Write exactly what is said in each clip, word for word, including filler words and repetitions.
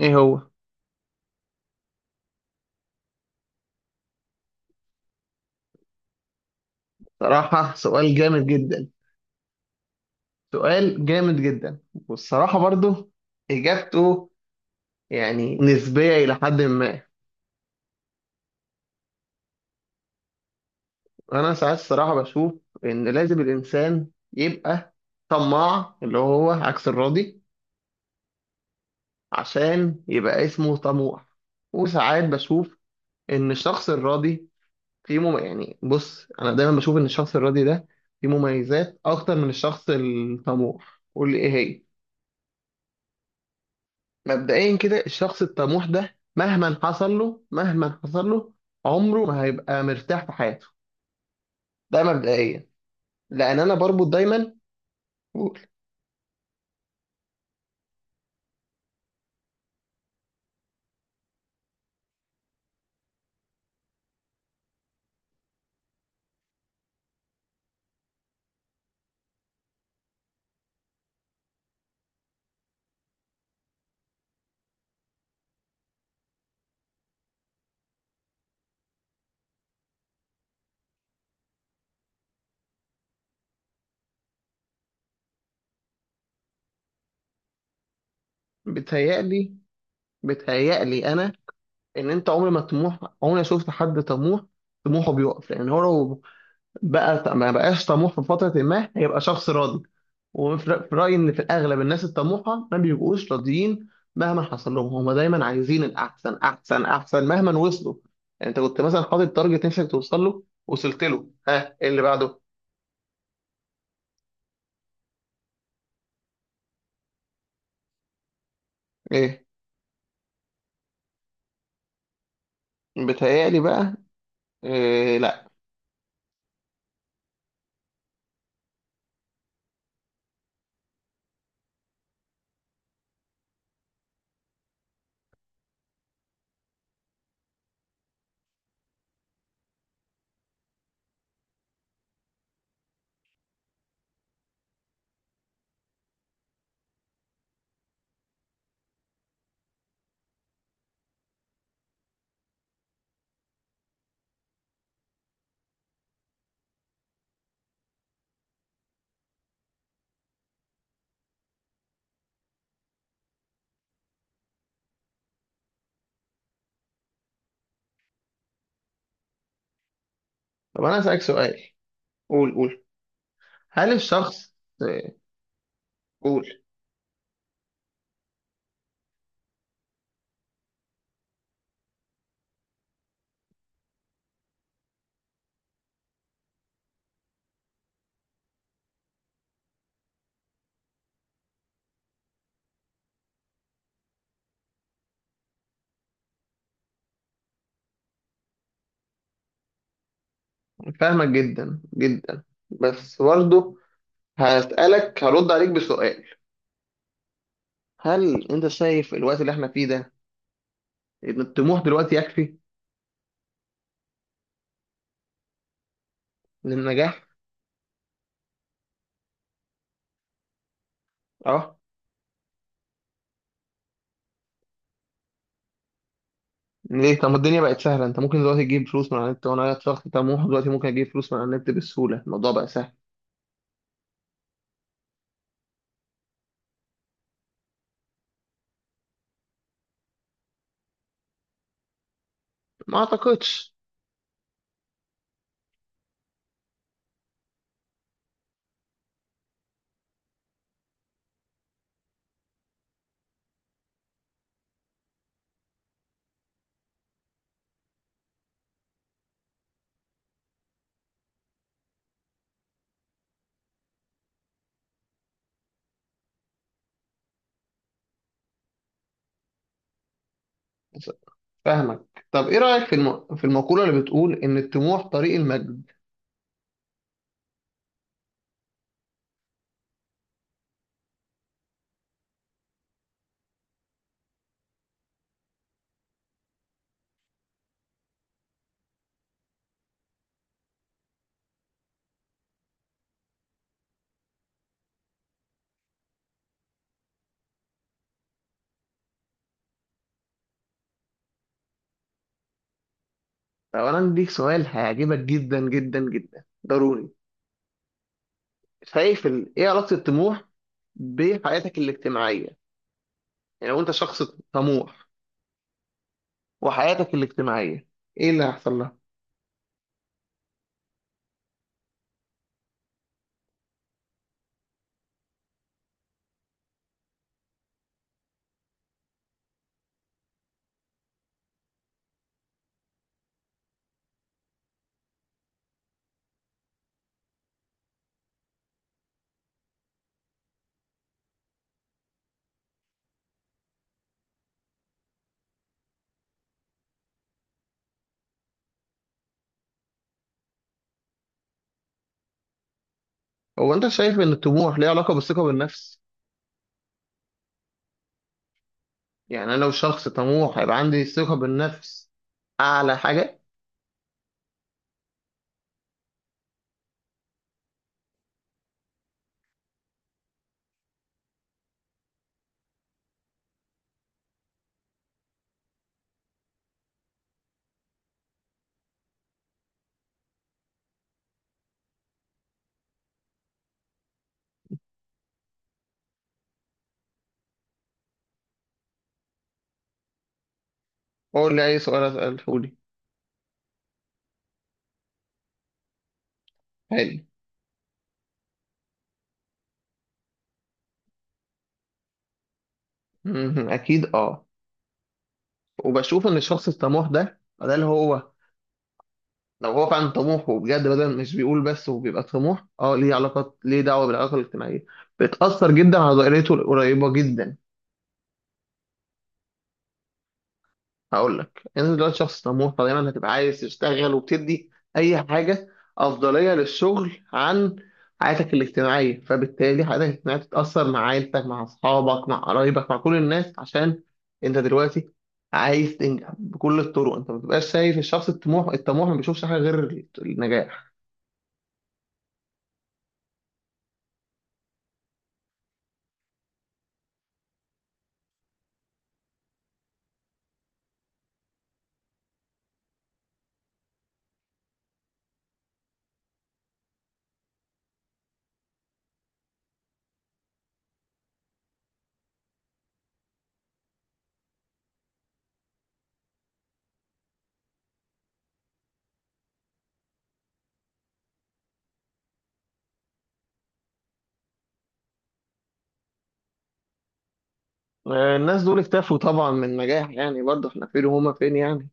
ايه هو؟ صراحة، سؤال جامد جدا، سؤال جامد جدا. والصراحة برضو اجابته يعني نسبية الى حد ما. انا ساعات الصراحة بشوف ان لازم الانسان يبقى طماع، اللي هو عكس الراضي، عشان يبقى اسمه طموح. وساعات بشوف ان الشخص الراضي فيه مم... يعني بص، انا دايما بشوف ان الشخص الراضي ده فيه مميزات اكتر من الشخص الطموح. قول لي ايه هي. مبدئيا كده الشخص الطموح ده، مهما حصل له، مهما حصل له، عمره ما هيبقى مرتاح في حياته. ده مبدئيا. لان انا بربط دايما، بقول، بتهيألي بتهيألي انا ان انت عمر ما طموح عمري ما شفت حد طموح طموحه بيقف. لان هو لو بقى ما بقاش طموح في فترة ما، هيبقى شخص راضي. وفي رأ- في رأيي إن في الأغلب الناس الطموحة ما بيبقوش راضيين، مهما حصل لهم. هم دايما عايزين الأحسن، أحسن أحسن، مهما وصلوا. يعني أنت كنت مثلا حاطط تارجت نفسك توصل له، وصلت له، ها إيه اللي بعده؟ إيه؟ بيتهيألي بقى، إيه لا. طب أنا أسألك سؤال. قول قول. هل الشخص... إيه، قول. فاهمك جدا جدا، بس برضه هسألك، هرد عليك بسؤال. هل أنت شايف الوقت اللي إحنا فيه ده الطموح دلوقتي يكفي للنجاح؟ اه. ليه؟ طب ما الدنيا بقت سهله، انت ممكن دلوقتي تجيب فلوس من على النت، وانا شخص طموح دلوقتي ممكن اجيب فلوس من على النت بسهوله، الموضوع بقى سهل. ما اعتقدش. فاهمك. طب ايه رايك في الم... في المقوله اللي بتقول ان الطموح طريق المجد؟ طب انا عندي ليك سؤال هيعجبك جدا جدا جدا، ضروري. شايف ال... ايه علاقه الطموح بحياتك الاجتماعيه؟ يعني لو انت شخص طموح، وحياتك الاجتماعيه ايه اللي هيحصل لها؟ هو انت شايف ان الطموح ليه علاقه بالثقه بالنفس؟ يعني انا لو شخص طموح هيبقى عندي ثقة بالنفس اعلى حاجة؟ اقول لي اي سؤال اساله لي. حلو. مهم. اكيد اه. وبشوف ان الشخص الطموح ده، ده اللي هو، لو هو فعلا طموح وبجد، بدل مش بيقول بس وبيبقى طموح، اه ليه علاقات، ليه دعوة بالعلاقة الاجتماعية. بتأثر جدا على دائرته القريبة جدا. هقول لك، انت دلوقتي شخص طموح، فدايما هتبقى عايز تشتغل، وبتدي اي حاجه افضليه للشغل عن حياتك الاجتماعيه، فبالتالي حياتك الاجتماعيه بتتاثر، مع عيلتك، مع اصحابك، مع قرايبك، مع كل الناس، عشان انت دلوقتي عايز تنجح بكل الطرق. انت ما بتبقاش شايف. الشخص الطموح، الطموح ما بيشوفش حاجه غير النجاح. آه، الناس دول اكتفوا طبعا من النجاح، يعني برضه احنا فين وهما فين يعني.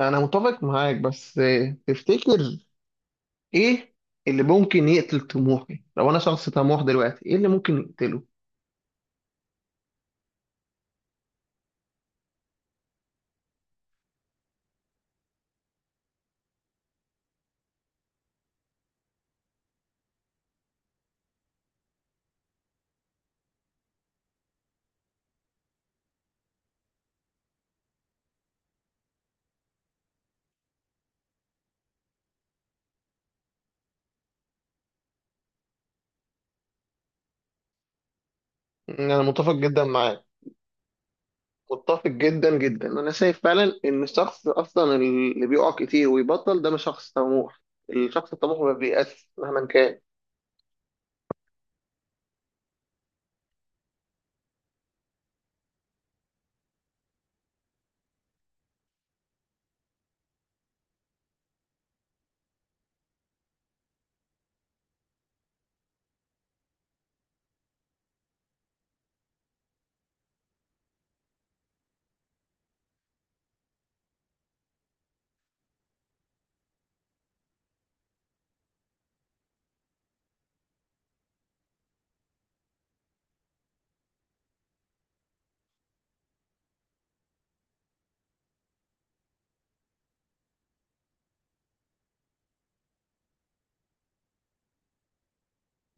انا متفق معاك، بس آه، تفتكر ايه اللي ممكن يقتل طموحي؟ لو انا شخص طموح دلوقتي، ايه اللي ممكن يقتله؟ يعني انا متفق جدا معاك. متفق جدا جدا، انا شايف فعلا ان الشخص اصلا اللي بيقع كتير ويبطل ده مش شخص طموح. الشخص الطموح ما بيأسش مهما كان.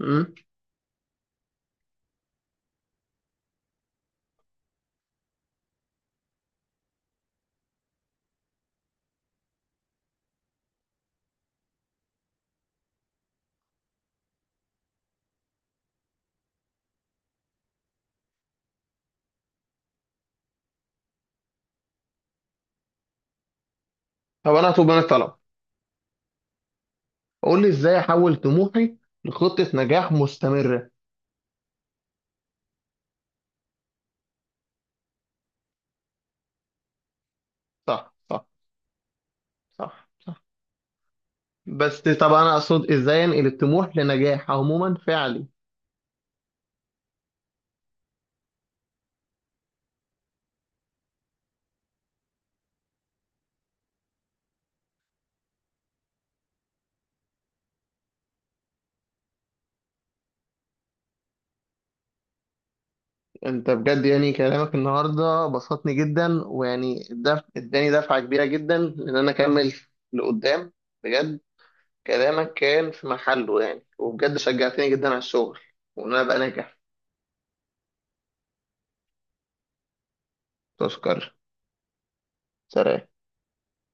امم. طب انا هطلب منك طلب. قول لي ازاي احول طموحي لخطة نجاح مستمرة. صح صح. صح صح. بس طب انا اقصد، ازاي انقل الطموح لنجاح عموما فعلي؟ انت بجد يعني كلامك النهارده بسطني جدا، ويعني دف... اداني دفعه كبيره جدا ان انا اكمل لقدام. بجد كلامك كان في محله يعني، وبجد شجعتني جدا على الشغل، وان انا ابقى ناجح. تشكر. سلام.